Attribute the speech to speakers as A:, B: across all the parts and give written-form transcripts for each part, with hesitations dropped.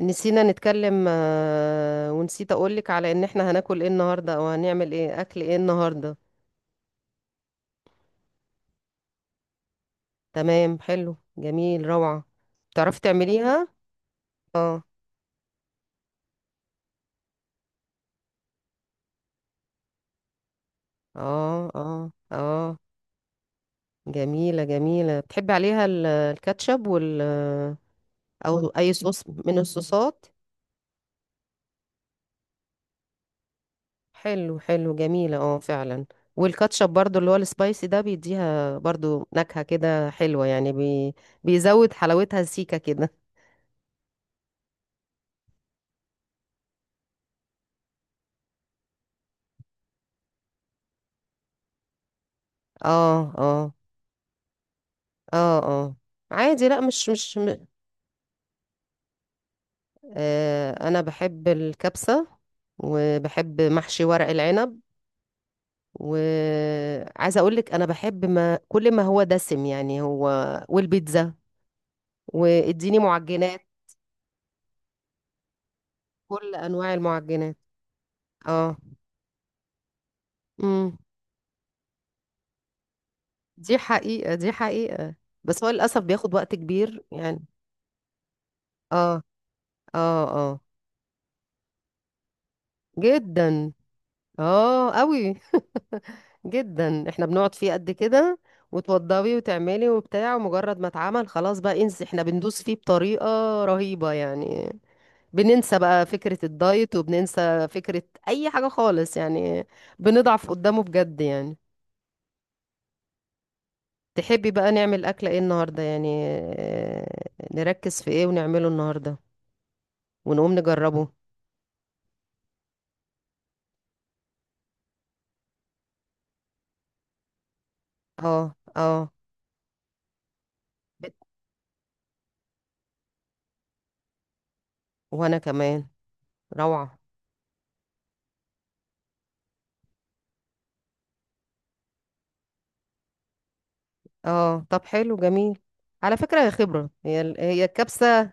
A: نسينا نتكلم ونسيت اقولك على ان احنا هناكل ايه النهارده او هنعمل ايه اكل ايه النهارده. تمام، حلو، جميل، روعة. تعرفي تعمليها. اه اه اه اه. جميلة جميلة، بتحبي عليها الكاتشب وال او اي صوص من الصوصات. حلو حلو جميلة اه فعلا. والكاتشب برضو اللي هو السبايسي ده بيديها برضو نكهة كده حلوة يعني بيزود حلاوتها سيكة كده. اه اه اه اه. عادي لا مش م... آه انا بحب الكبسة وبحب محشي ورق العنب. وعايزه اقول لك انا بحب ما كل ما هو دسم يعني هو. والبيتزا واديني معجنات. كل انواع المعجنات. اه، امم. دي حقيقة دي حقيقة. بس هو للاسف بياخد وقت كبير يعني. اه اه. اه جدا. اه قوي. جدا احنا بنقعد فيه قد كده. وتوضبي وتعملي وبتاع ومجرد ما اتعمل خلاص بقى انسي، احنا بندوس فيه بطريقة رهيبة يعني. بننسى بقى فكرة الدايت وبننسى فكرة اي حاجة خالص يعني. بنضعف قدامه بجد يعني. تحبي بقى نعمل اكلة ايه النهاردة يعني، آه، نركز في ايه ونعمله النهاردة ونقوم نجربه. اه اه. وانا كمان، روعة. اه طب حلو جميل. على فكرة هي خبرة، هي هي الكبسة.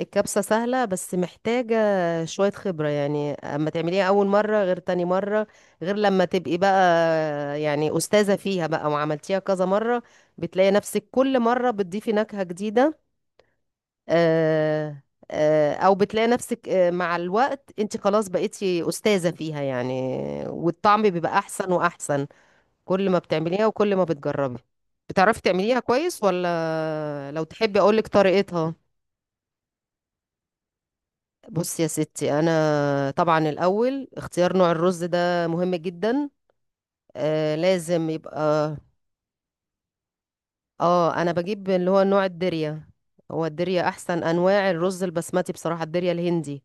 A: الكبسة سهلة بس محتاجة شوية خبرة يعني. اما تعمليها اول مرة غير تاني مرة، غير لما تبقي بقى يعني استاذة فيها بقى وعملتيها كذا مرة بتلاقي نفسك كل مرة بتضيفي نكهة جديدة. آه. آه او بتلاقي نفسك مع الوقت انت خلاص بقيتي استاذة فيها يعني، والطعم بيبقى احسن واحسن كل ما بتعمليها وكل ما بتجربي. بتعرفي تعمليها كويس ولا لو تحبي اقولك طريقتها؟ بصي يا ستي، انا طبعا الاول اختيار نوع الرز ده مهم جدا. آه لازم يبقى، اه انا بجيب اللي هو نوع الدريا. هو الدريا احسن انواع الرز البسمتي بصراحة، الدريا الهندي.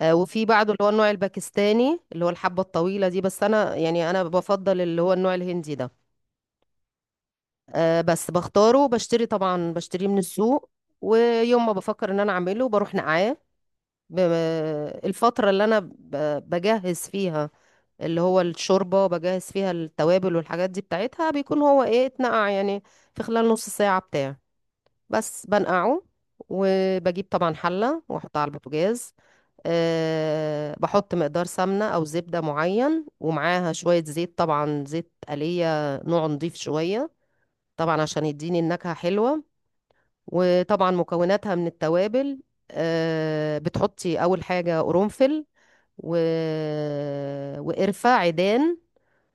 A: آه وفي بعده اللي هو النوع الباكستاني اللي هو الحبة الطويلة دي، بس انا يعني انا بفضل اللي هو النوع الهندي ده. بس بختاره بشتري، طبعا بشتريه من السوق. ويوم ما بفكر ان انا اعمله بروح نقعاه. ب- الفترة اللي انا بجهز فيها اللي هو الشوربة، بجهز فيها التوابل والحاجات دي بتاعتها، بيكون هو ايه اتنقع يعني في خلال نص ساعة بتاع. بس بنقعه وبجيب طبعا حلة واحطها على البوتاجاز. أه بحط مقدار سمنة أو زبدة معين، ومعاها شوية زيت طبعا، زيت آلية نوع نضيف شوية، طبعا عشان يديني النكهة حلوة. وطبعا مكوناتها من التوابل. بتحطي اول حاجه قرنفل و... وقرفه عيدان.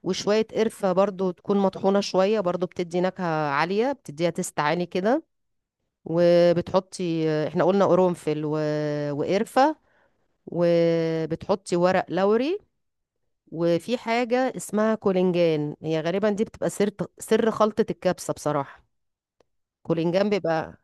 A: وشويه قرفه برضو تكون مطحونه شويه، برضو بتدي نكهه عاليه، بتديها تست عالي كده. وبتحطي، احنا قلنا قرنفل و... وقرفه، وبتحطي ورق لوري. وفي حاجه اسمها كولينجان، هي غالبا دي بتبقى سر، سر خلطه الكبسه بصراحه. كولينجان بيبقى،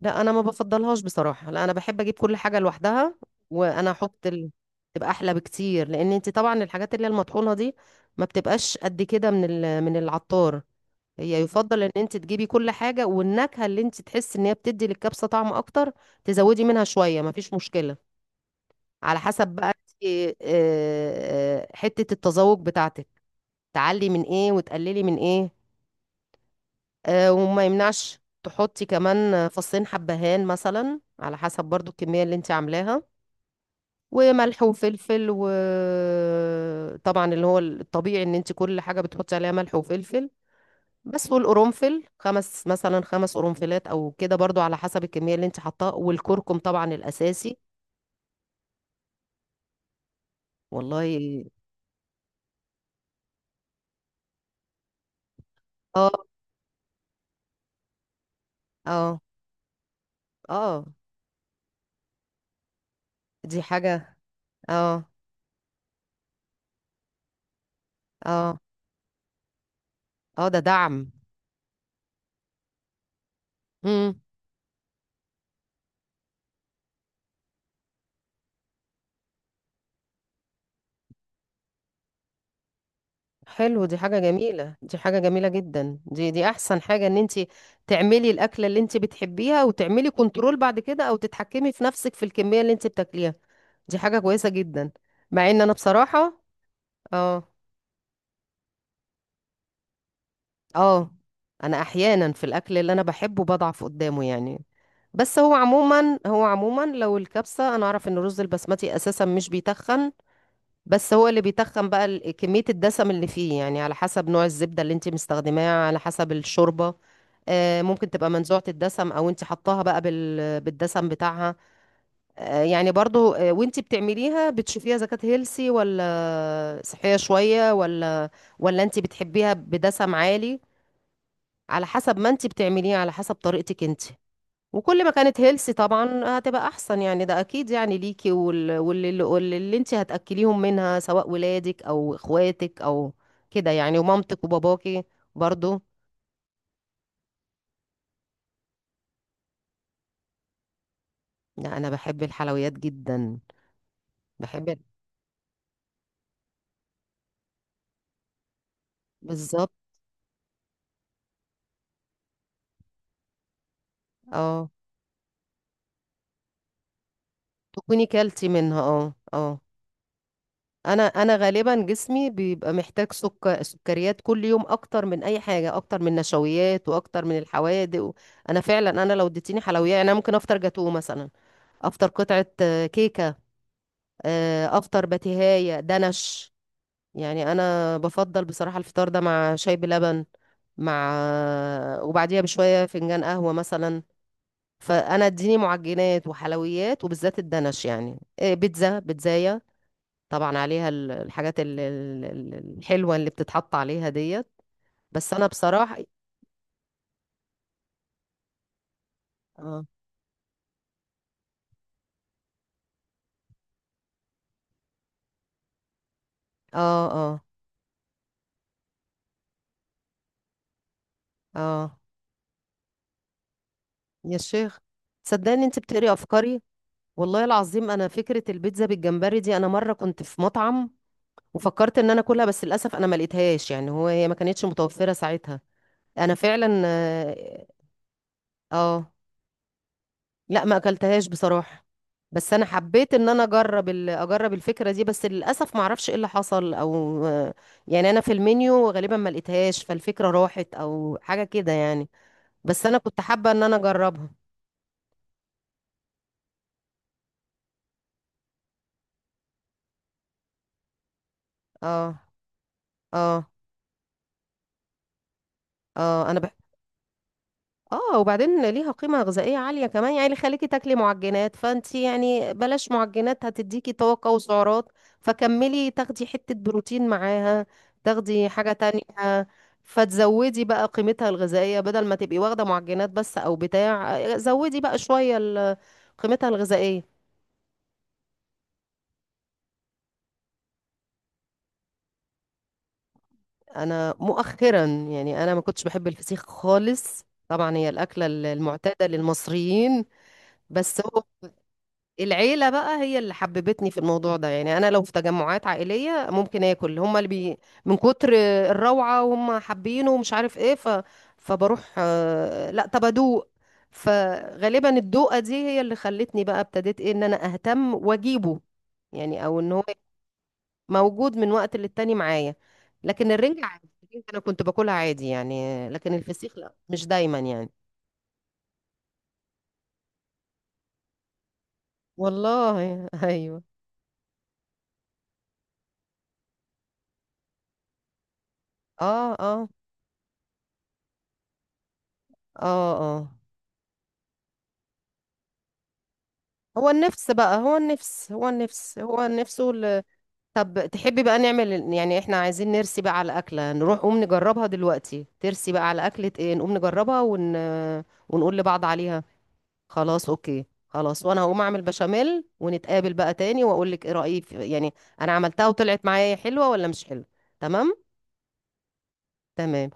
A: لا انا ما بفضلهاش بصراحه، لا انا بحب اجيب كل حاجه لوحدها. وانا احط ال... تبقى احلى بكتير، لان انت طبعا الحاجات اللي هي المطحونه دي ما بتبقاش قد كده من ال... من العطار. هي يفضل ان انت تجيبي كل حاجه، والنكهه اللي انت تحس ان هي بتدي للكبسه طعم اكتر تزودي منها شويه ما فيش مشكله. على حسب بقى انت، حته التذوق بتاعتك، تعلي من ايه وتقللي من ايه. وما يمنعش تحطي كمان فصين حبهان مثلا، على حسب برضو الكمية اللي انت عاملاها. وملح وفلفل، وطبعا اللي هو الطبيعي ان انت كل حاجة بتحطي عليها ملح وفلفل. بس والقرنفل خمس مثلا، خمس قرنفلات او كده برضو على حسب الكمية اللي انت حطاها، والكركم طبعا الاساسي. والله. اه اه اه. دي حاجة. اه اه. اه ده دعم. حلو، دي حاجة جميلة جدا، دي احسن حاجة ان انت تعملي الاكلة اللي انت بتحبيها وتعملي كنترول بعد كده، او تتحكمي في نفسك في الكمية اللي انت بتاكليها. دي حاجة كويسة جدا. مع ان انا بصراحة، اه اه، انا احيانا في الاكل اللي انا بحبه بضعف قدامه يعني. بس هو عموما هو عموما لو الكبسة، انا اعرف ان الرز البسمتي اساسا مش بيتخن، بس هو اللي بيتخن بقى كمية الدسم اللي فيه يعني، على حسب نوع الزبدة اللي انت مستخدماها، على حسب الشوربة. ممكن تبقى منزوعة الدسم او انت حطاها بقى بالدسم بتاعها. آه، يعني برضو آه، وانت بتعمليها بتشوفيها اذا كانت هيلسي ولا صحية شوية، ولا ولا انت بتحبيها بدسم عالي. على حسب ما انت بتعمليها، على حسب طريقتك انت. وكل ما كانت هيلسي طبعا هتبقى احسن يعني، ده اكيد يعني ليكي واللي انت هتاكليهم منها سواء ولادك او اخواتك او كده يعني، ومامتك وباباكي برضو. لا انا بحب الحلويات جدا، بحب. بالظبط. اه، تكوني كلتي منها اه اه. انا غالبا جسمي بيبقى محتاج سكر، سكريات كل يوم اكتر من اي حاجه، اكتر من نشويات واكتر من الحوادق و... انا فعلا انا لو اديتيني حلويات يعني، انا ممكن افطر جاتوه مثلا، افطر قطعه كيكه، افطر بتيهايه دنش. يعني انا بفضل بصراحه الفطار ده مع شاي بلبن، مع وبعديها بشويه فنجان قهوه مثلا. فانا اديني معجنات وحلويات وبالذات الدنش يعني بيتزا بيتزايه، طبعا عليها الحاجات الحلوه اللي بتتحط عليها ديت. بس انا بصراحه، اه اه اه اه. يا شيخ، صدقني انت بتقري افكاري. والله العظيم انا فكره البيتزا بالجمبري دي، انا مره كنت في مطعم وفكرت ان انا اكلها، بس للاسف انا ما لقيتهاش يعني، هو ما كانتش متوفره ساعتها. انا فعلا اه. آه، لا ما اكلتهاش بصراحة. بس انا حبيت ان انا اجرب ال... اجرب الفكرة دي، بس للاسف ما اعرفش ايه اللي حصل او يعني، انا في المنيو غالبا ما لقيتهاش، فالفكرة راحت او حاجة كده يعني. بس انا كنت حابة ان انا اجربها. اه اه اه انا اه. وبعدين ليها قيمة غذائية عالية كمان يعني، اللي خليكي تاكلي معجنات فانتي يعني بلاش معجنات هتديكي طاقة وسعرات، فكملي تاخدي حتة بروتين معاها، تاخدي حاجة تانية. فتزودي بقى قيمتها الغذائية، بدل ما تبقي واخدة معجنات بس او بتاع، زودي بقى شوية قيمتها الغذائية. انا مؤخرا يعني انا ما كنتش بحب الفسيخ خالص، طبعا هي الأكلة المعتادة للمصريين. بس العيلة بقى هي اللي حببتني في الموضوع ده يعني، أنا لو في تجمعات عائلية ممكن آكل، هما اللي بي من كتر الروعة وهم حابينه ومش عارف إيه، ف... فبروح لا طب أدوق. فغالبا الدوقة دي هي اللي خلتني بقى، ابتديت إيه إن أنا أهتم وأجيبه يعني، أو إن هو موجود من وقت للتاني معايا. لكن الرنجة عادي، الرنجة أنا كنت باكلها عادي يعني، لكن الفسيخ لا مش دايما يعني. والله أيوه. آه آه آه آه. هو النفس بقى هو النفس هو النفس هو النفس وال... طب تحبي بقى نعمل يعني، احنا عايزين نرسي بقى على أكلة نروح قوم نجربها دلوقتي. ترسي بقى على أكلة ايه نقوم نجربها ون... ونقول لبعض عليها. خلاص اوكي، خلاص وانا هقوم اعمل بشاميل، ونتقابل بقى تاني واقول لك ايه رأيي في... يعني انا عملتها وطلعت معايا حلوة ولا مش حلوة. تمام. تمام.